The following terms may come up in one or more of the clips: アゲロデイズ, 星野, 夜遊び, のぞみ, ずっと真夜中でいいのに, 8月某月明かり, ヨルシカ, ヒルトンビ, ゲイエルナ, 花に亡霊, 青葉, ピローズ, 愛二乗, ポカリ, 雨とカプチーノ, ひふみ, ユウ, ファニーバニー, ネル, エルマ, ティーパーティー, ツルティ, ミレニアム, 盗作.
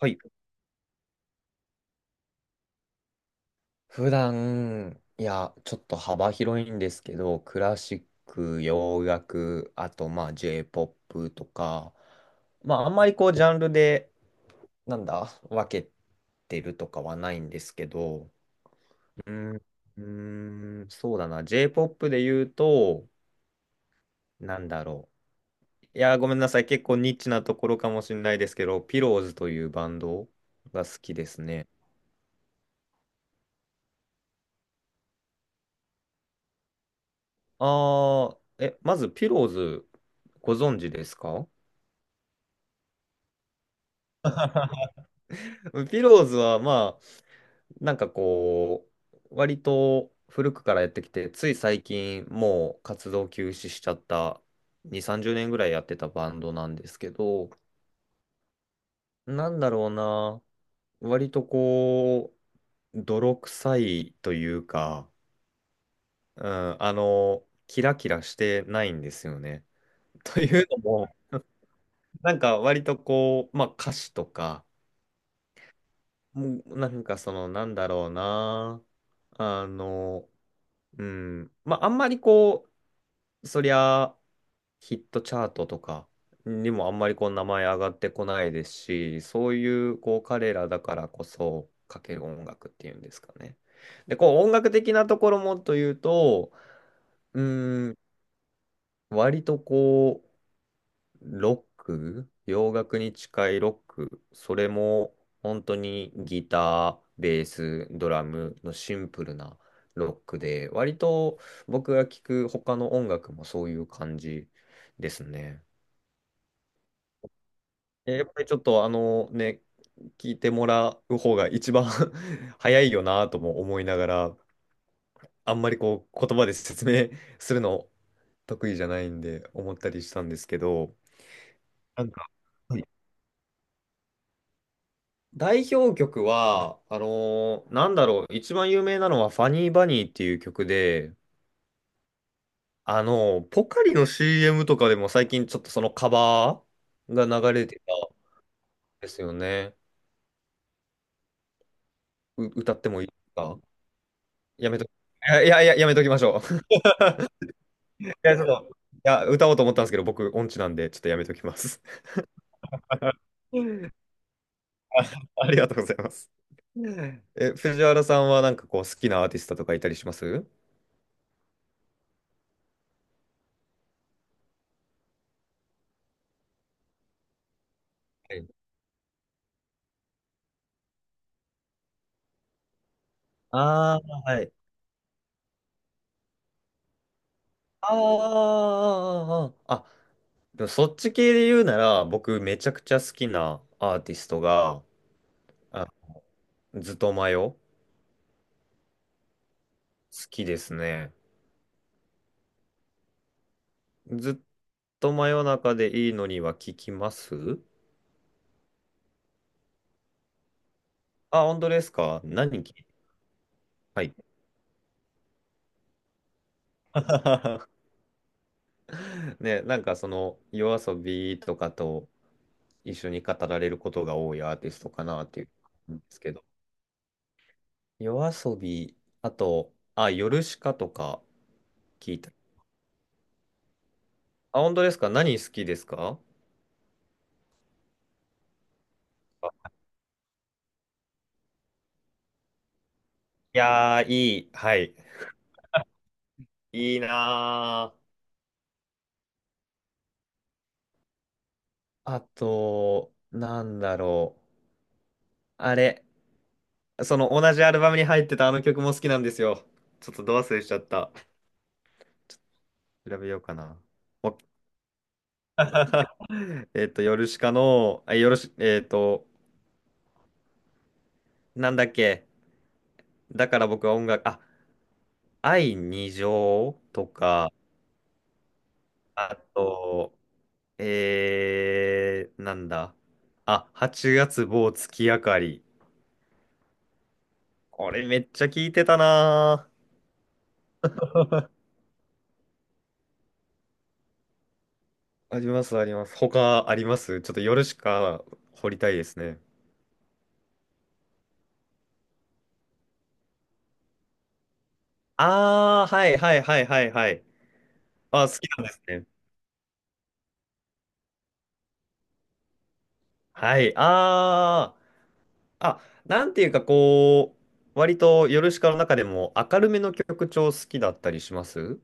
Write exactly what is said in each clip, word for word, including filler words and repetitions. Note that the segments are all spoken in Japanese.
はい。普段、いや、ちょっと幅広いんですけど、クラシック、洋楽、あと、まあ、J-ジェイポップ とか、まあ、あんまりこう、ジャンルで、なんだ、分けてるとかはないんですけど、うーん、うーん、そうだな、J-ジェイポップ で言うと、なんだろう。いや、ごめんなさい、結構ニッチなところかもしれないですけど、ピローズというバンドが好きですね。あー、え、まず、ピローズ、ご存知ですか？ ピローズはまあ、なんかこう、割と古くからやってきて、つい最近もう活動休止しちゃったに、さんじゅうねんぐらいやってたバンドなんですけど、なんだろうな、割とこう、泥臭いというか、うん、あの、キラキラしてないんですよね。というのも、なんか割とこう、まあ歌詞とか、もうなんかその、なんだろうな、あの、うん。まあ、あんまりこう、そりゃ、ヒットチャートとかにもあんまりこう、名前上がってこないですし、そういう、こう、彼らだからこそ、かける音楽っていうんですかね。で、こう、音楽的なところもというと、うん、割とこう、ロック、洋楽に近いロック、それも本当にギター、ベース、ドラムのシンプルなロックで、割と僕が聴く他の音楽もそういう感じですね。えやっぱりちょっとあのね、聞いてもらう方が一番 早いよなとも思いながら、あんまりこう言葉で説明するの得意じゃないんで思ったりしたんですけど、なんか、はい、代表曲は、あのーなんだろう、一番有名なのはファニーバニーっていう曲で、あのーポカリの シーエム とかでも最近ちょっとそのカバーが流れてたんですよね。う、歌ってもいいですか？やめと、いやいや、いや、やめときましょう。いや、ちょっと、いや、歌おうと思ったんですけど、僕音痴なんで、ちょっとやめときます。あありがとうございます。え、藤原さんはなんかこう好きなアーティストとかいたりします？はい。ああ、はい。あーあー、あーあーあでもそっち系で言うなら、僕めちゃくちゃ好きなアーティストが、あ、ずっとマヨ、好きですね。ずっと真夜中でいいのには聞きます？あ、本当ですか？何聞はい。ね、なんかその、夜遊びとかと一緒に語られることが多いアーティストかなっていうんですけど。夜遊び、あと、あ、ヨルシカとか聞いた。あ、本当ですか？何好きですか？いやー、いい。はい。いいなー。あと、なんだろう。あれ、その同じアルバムに入ってたあの曲も好きなんですよ。ちょっとド忘れしちゃった。ちょっと調べようかな。もう えっと、ヨルシカの、あヨルシ、えっと、なんだっけ。だから僕は音楽、あ、愛二乗とか、あと、えー、なんだ。あ、はちがつ某月明かり。これめっちゃ聞いてたなー。あります、あります。他あります。ちょっと夜しか掘りたいですね。ああ、はいはいはいはいはい。あ、好きなんですね。はい。ああ、あ、なんていうかこう、割と夜しかの中でも明るめの曲調好きだったりします？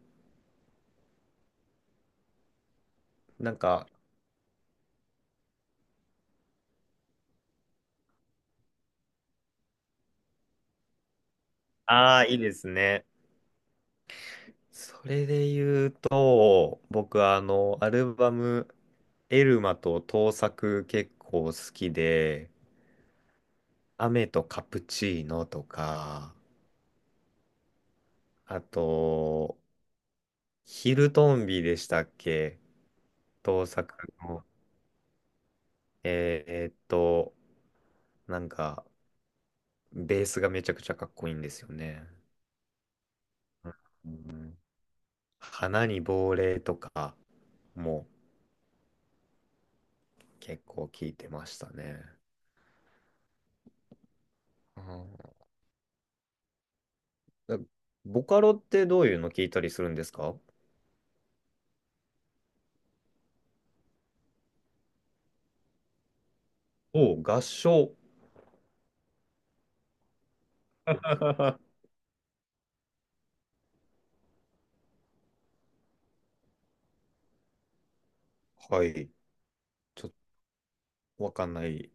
なんか、ああ、いいですね。それで言うと、僕はあの、アルバム、エルマと盗作結構好きで、雨とカプチーノとか、あと、ヒルトンビでしたっけ？当作の。えーえーっと、なんか、ベースがめちゃくちゃかっこいいんですよね。うん、花に亡霊とかも結構聞いてましたね。うん、ボカロってどういうの聞いたりするんですか？お合唱。はい。ちょっとわかんない。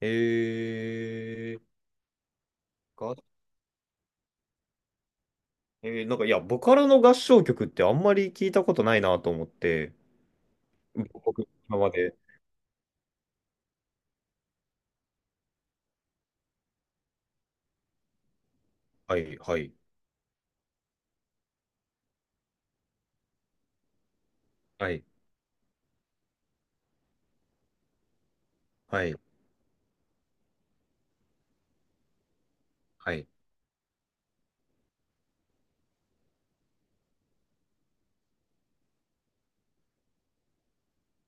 えー、合えーなんか、いや、ボカロの合唱曲ってあんまり聞いたことないなと思って、僕、今まで。はい、はい、はい、はい、はい。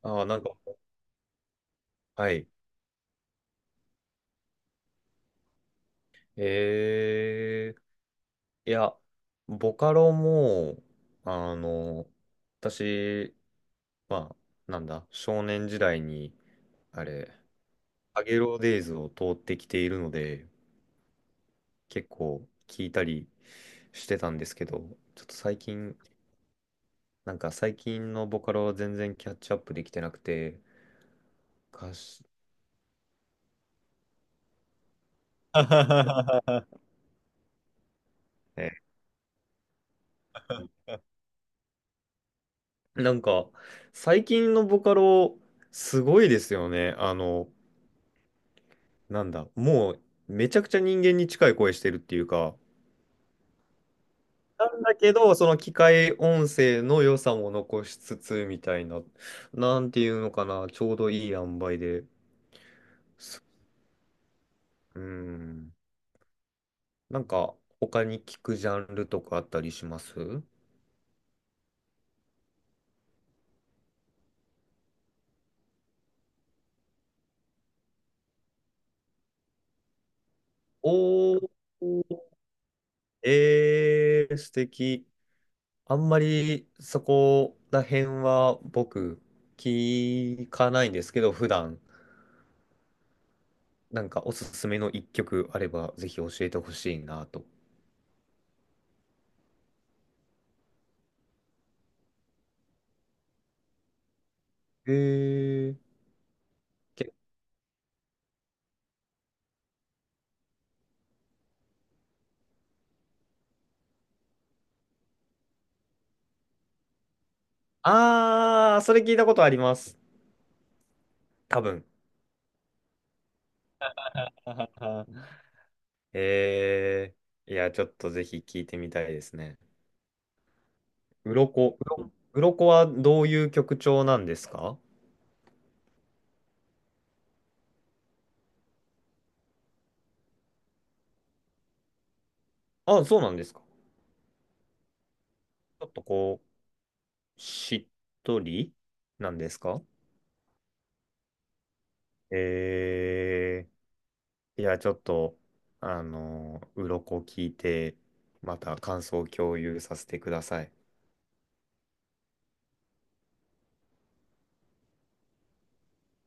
ああ、なんか、はい。えー、いや、ボカロも、あの、私、まあ、なんだ、少年時代に、あれ、アゲロデイズを通ってきているので、結構聞いたりしてたんですけど、ちょっと最近、なんか最近のボカロは全然キャッチアップできてなくて、歌詞、ね、なんか最近のボカロすごいですよね。あの、なんだ、もうめちゃくちゃ人間に近い声してるっていうか、なんだけど、その機械音声の良さも残しつつみたいな、なんていうのかな、ちょうどいい塩梅で。うん。なんか他に聞くジャンルとかあったりします？おー、ええ、素敵。あんまりそこら辺は僕聞かないんですけど、普段なんかおすすめの一曲あればぜひ教えてほしいなと。ええけああー、それ聞いたことあります。多分。はは、は、ええいや、ちょっとぜひ聞いてみたいですね。うろこ、うろ、うろこはどういう曲調なんですか？あ、そうなんですか。ちょっとこう、しっとりなんですか？えー、いや、ちょっと、あの、鱗聞いて、また感想を共有させてください。